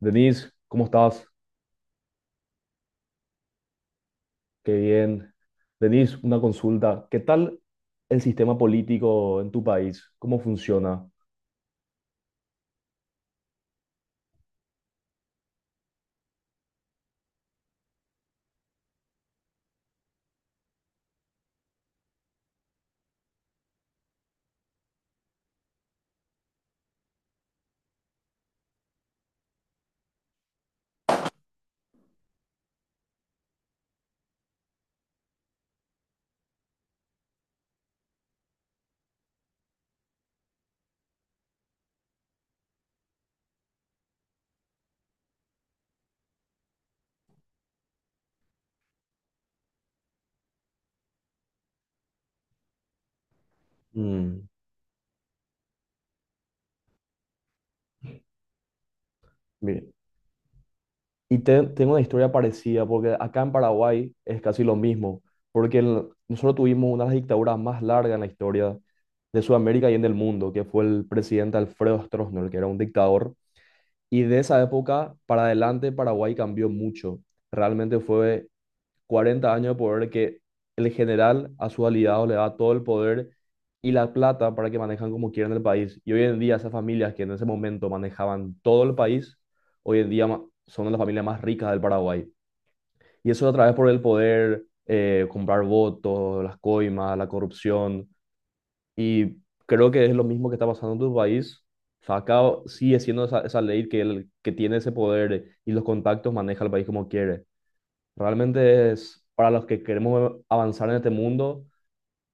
Denise, ¿cómo estás? Qué bien. Denise, una consulta. ¿Qué tal el sistema político en tu país? ¿Cómo funciona? Mm, bien. Y tengo una historia parecida, porque acá en Paraguay es casi lo mismo, porque nosotros tuvimos una de las dictaduras más largas en la historia de Sudamérica y en el mundo, que fue el presidente Alfredo Stroessner, que era un dictador. Y de esa época para adelante Paraguay cambió mucho. Realmente fue 40 años de poder que el general a sus aliados le da todo el poder y la plata para que manejan como quieran el país. Y hoy en día esas familias que en ese momento manejaban todo el país, hoy en día son las familias más ricas del Paraguay. Y eso a través por el poder, comprar votos, las coimas, la corrupción. Y creo que es lo mismo que está pasando en tu país. O sea, acá sigue siendo esa ley que el que tiene ese poder y los contactos maneja el país como quiere. Realmente es para los que queremos avanzar en este mundo,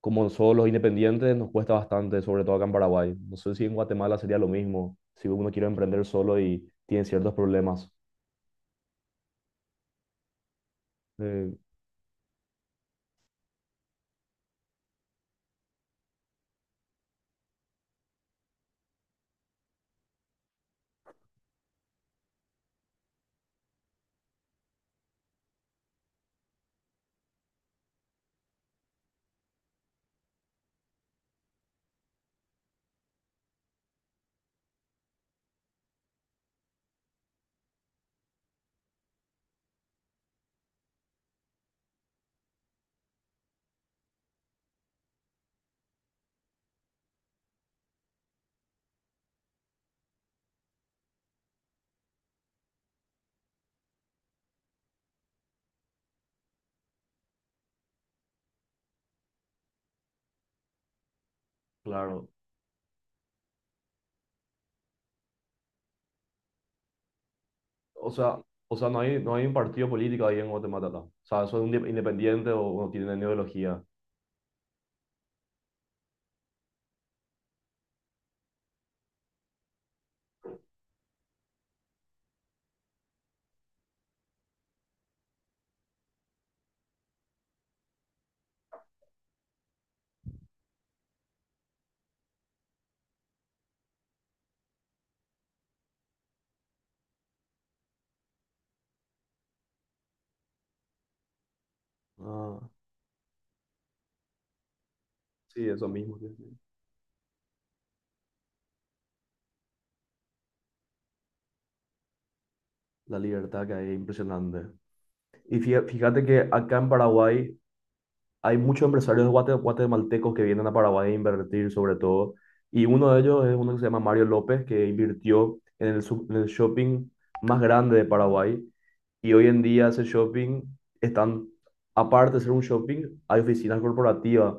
como solo los independientes, nos cuesta bastante, sobre todo acá en Paraguay. No sé si en Guatemala sería lo mismo, si uno quiere emprender solo y tiene ciertos problemas. Eh, claro. O sea, o sea, no hay un partido político ahí en Guatemala, ¿no? O sea, son un independiente o uno tiene una ideología. Ah, sí, eso mismo. Sí, sí. La libertad que hay, es impresionante. Y fíjate que acá en Paraguay hay muchos empresarios guatemaltecos que vienen a Paraguay a invertir sobre todo. Y uno de ellos es uno que se llama Mario López, que invirtió en el shopping más grande de Paraguay. Y hoy en día ese shopping están, aparte de ser un shopping, hay oficinas corporativas.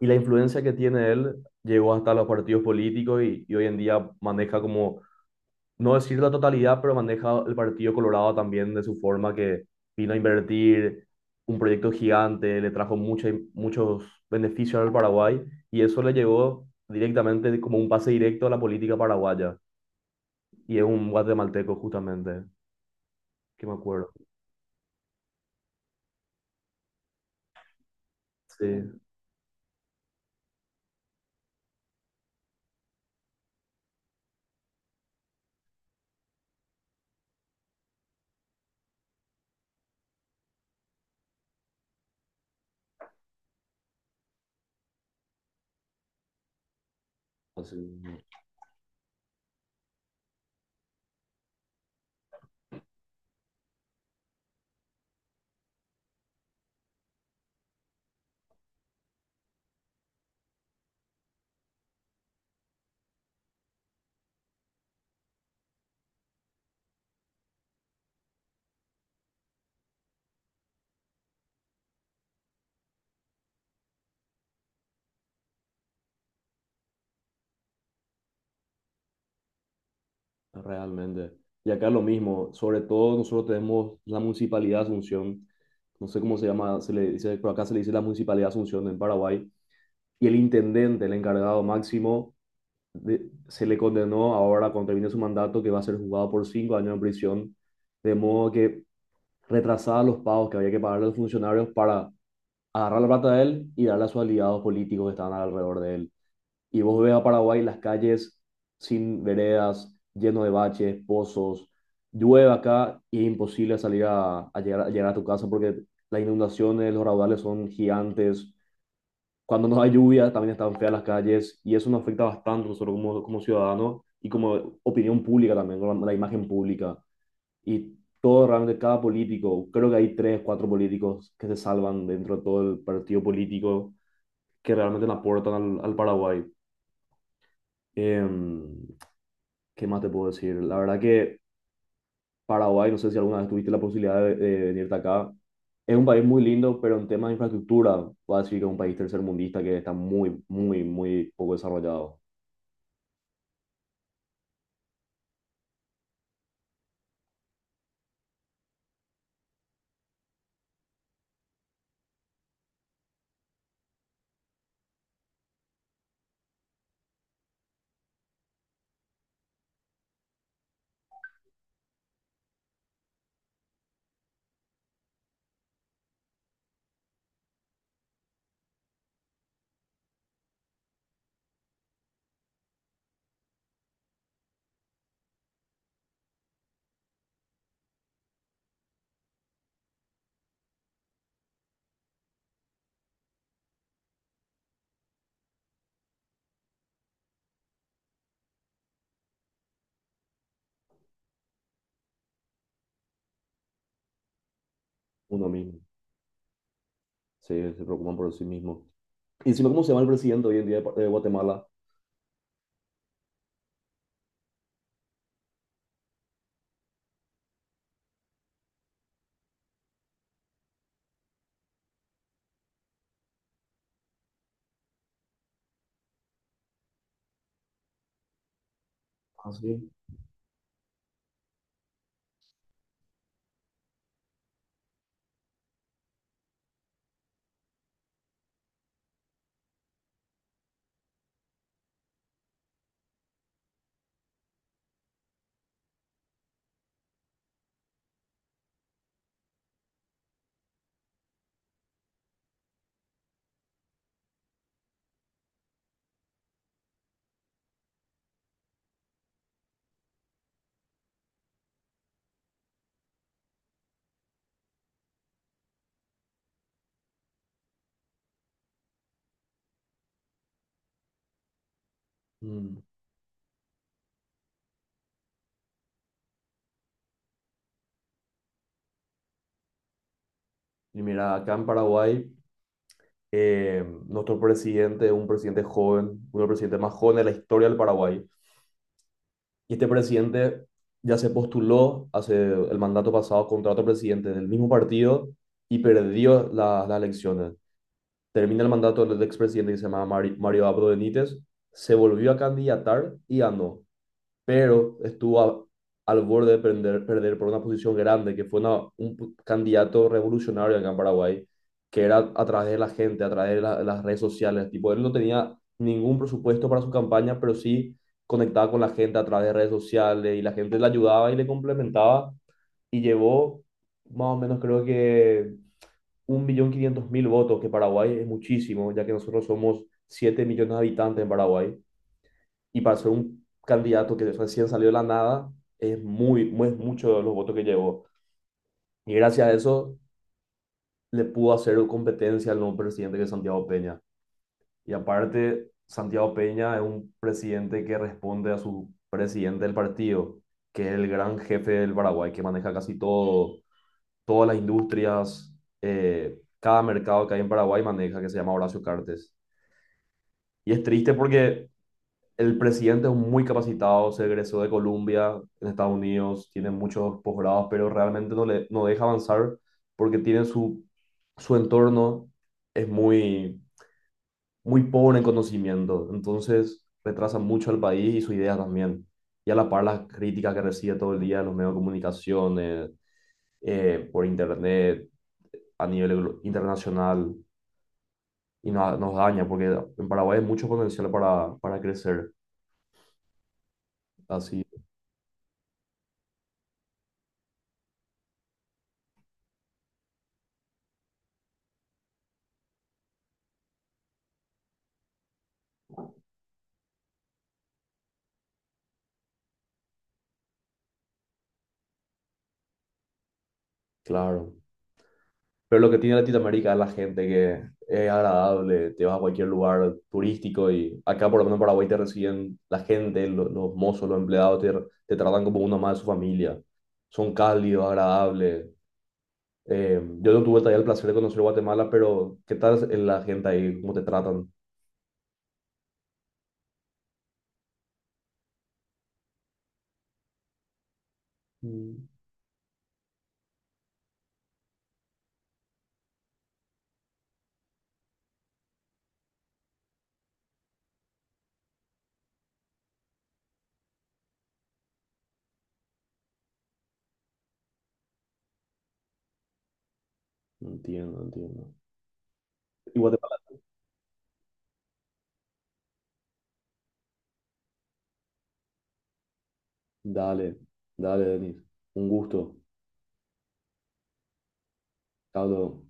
Y la influencia que tiene él llegó hasta los partidos políticos y hoy en día maneja como no decir la totalidad, pero maneja el Partido Colorado también de su forma que vino a invertir un proyecto gigante, le trajo muchos beneficios al Paraguay y eso le llegó directamente como un pase directo a la política paraguaya. Y es un guatemalteco justamente, que me acuerdo. Sí. Así. Realmente. Y acá lo mismo, sobre todo nosotros tenemos la Municipalidad de Asunción, no sé cómo se llama, se le dice, por acá se le dice la Municipalidad de Asunción en Paraguay, y el intendente, el encargado máximo, se le condenó ahora cuando termine su mandato que va a ser juzgado por 5 años en prisión, de modo que retrasaba los pagos que había que pagarle a los funcionarios para agarrar la plata de él y darla a sus aliados políticos que estaban alrededor de él y vos ves a Paraguay las calles sin veredas, lleno de baches, pozos, llueve acá y es imposible salir a llegar a tu casa porque las inundaciones, los raudales son gigantes. Cuando no hay lluvia también están feas las calles y eso nos afecta bastante nosotros como ciudadanos y como opinión pública también, con la imagen pública. Y todo realmente, cada político, creo que hay tres, cuatro políticos que se salvan dentro de todo el partido político que realmente le aportan al Paraguay. Em, ¿Qué más te puedo decir? La verdad que Paraguay, no sé si alguna vez tuviste la posibilidad de venirte acá, es un país muy lindo, pero en temas de infraestructura, voy a decir que es un país tercermundista que está muy, muy, muy poco desarrollado. Uno mismo, se preocupan por sí mismo. Y encima, ¿cómo se llama el presidente hoy en día de Guatemala? Ah, sí. Mm. Y mira, acá en Paraguay, nuestro presidente es un presidente joven, uno de los presidentes más jóvenes de la historia del Paraguay. Y este presidente ya se postuló hace el mandato pasado contra otro presidente del mismo partido y perdió las elecciones. Termina el mandato del expresidente que se llama Mario Abdo Benítez, se volvió a candidatar y ganó pero estuvo al borde de perder por una posición grande, que fue un candidato revolucionario acá en Paraguay, que era a través de la gente, a través de las redes sociales. Tipo, él no tenía ningún presupuesto para su campaña, pero sí conectaba con la gente a través de redes sociales y la gente le ayudaba y le complementaba y llevó más o menos creo que 1.500.000 votos, que Paraguay es muchísimo, ya que nosotros somos 7 millones de habitantes en Paraguay y para ser un candidato que recién salió de la nada, es muy, muy mucho de los votos que llevó. Y gracias a eso le pudo hacer competencia al nuevo presidente que es Santiago Peña. Y aparte, Santiago Peña es un presidente que responde a su presidente del partido, que es el gran jefe del Paraguay, que maneja casi todo, todas las industrias, cada mercado que hay en Paraguay maneja, que se llama Horacio Cartes. Y es triste porque el presidente es muy capacitado, se egresó de Colombia, en Estados Unidos, tiene muchos posgrados, pero realmente no le no deja avanzar porque tiene su entorno, es muy, muy pobre en conocimiento, entonces retrasa mucho al país y su idea también. Y a la par las críticas que recibe todo el día en los medios de comunicación, por internet, a nivel internacional, y nos daña, porque en Paraguay hay mucho potencial para crecer. Así, claro. Pero lo que tiene Latinoamérica es la gente que es agradable, te vas a cualquier lugar turístico y acá por lo menos en Paraguay te reciben la gente, los, mozos, los empleados te tratan como uno más de su familia. Son cálidos, agradables. Yo no tuve todavía el placer de conocer Guatemala, pero ¿qué tal es la gente ahí? ¿Cómo te tratan? Mm. Entiendo, no entiendo. Y Guatemala, dale, dale, Denis. Un gusto. Chao. Luego.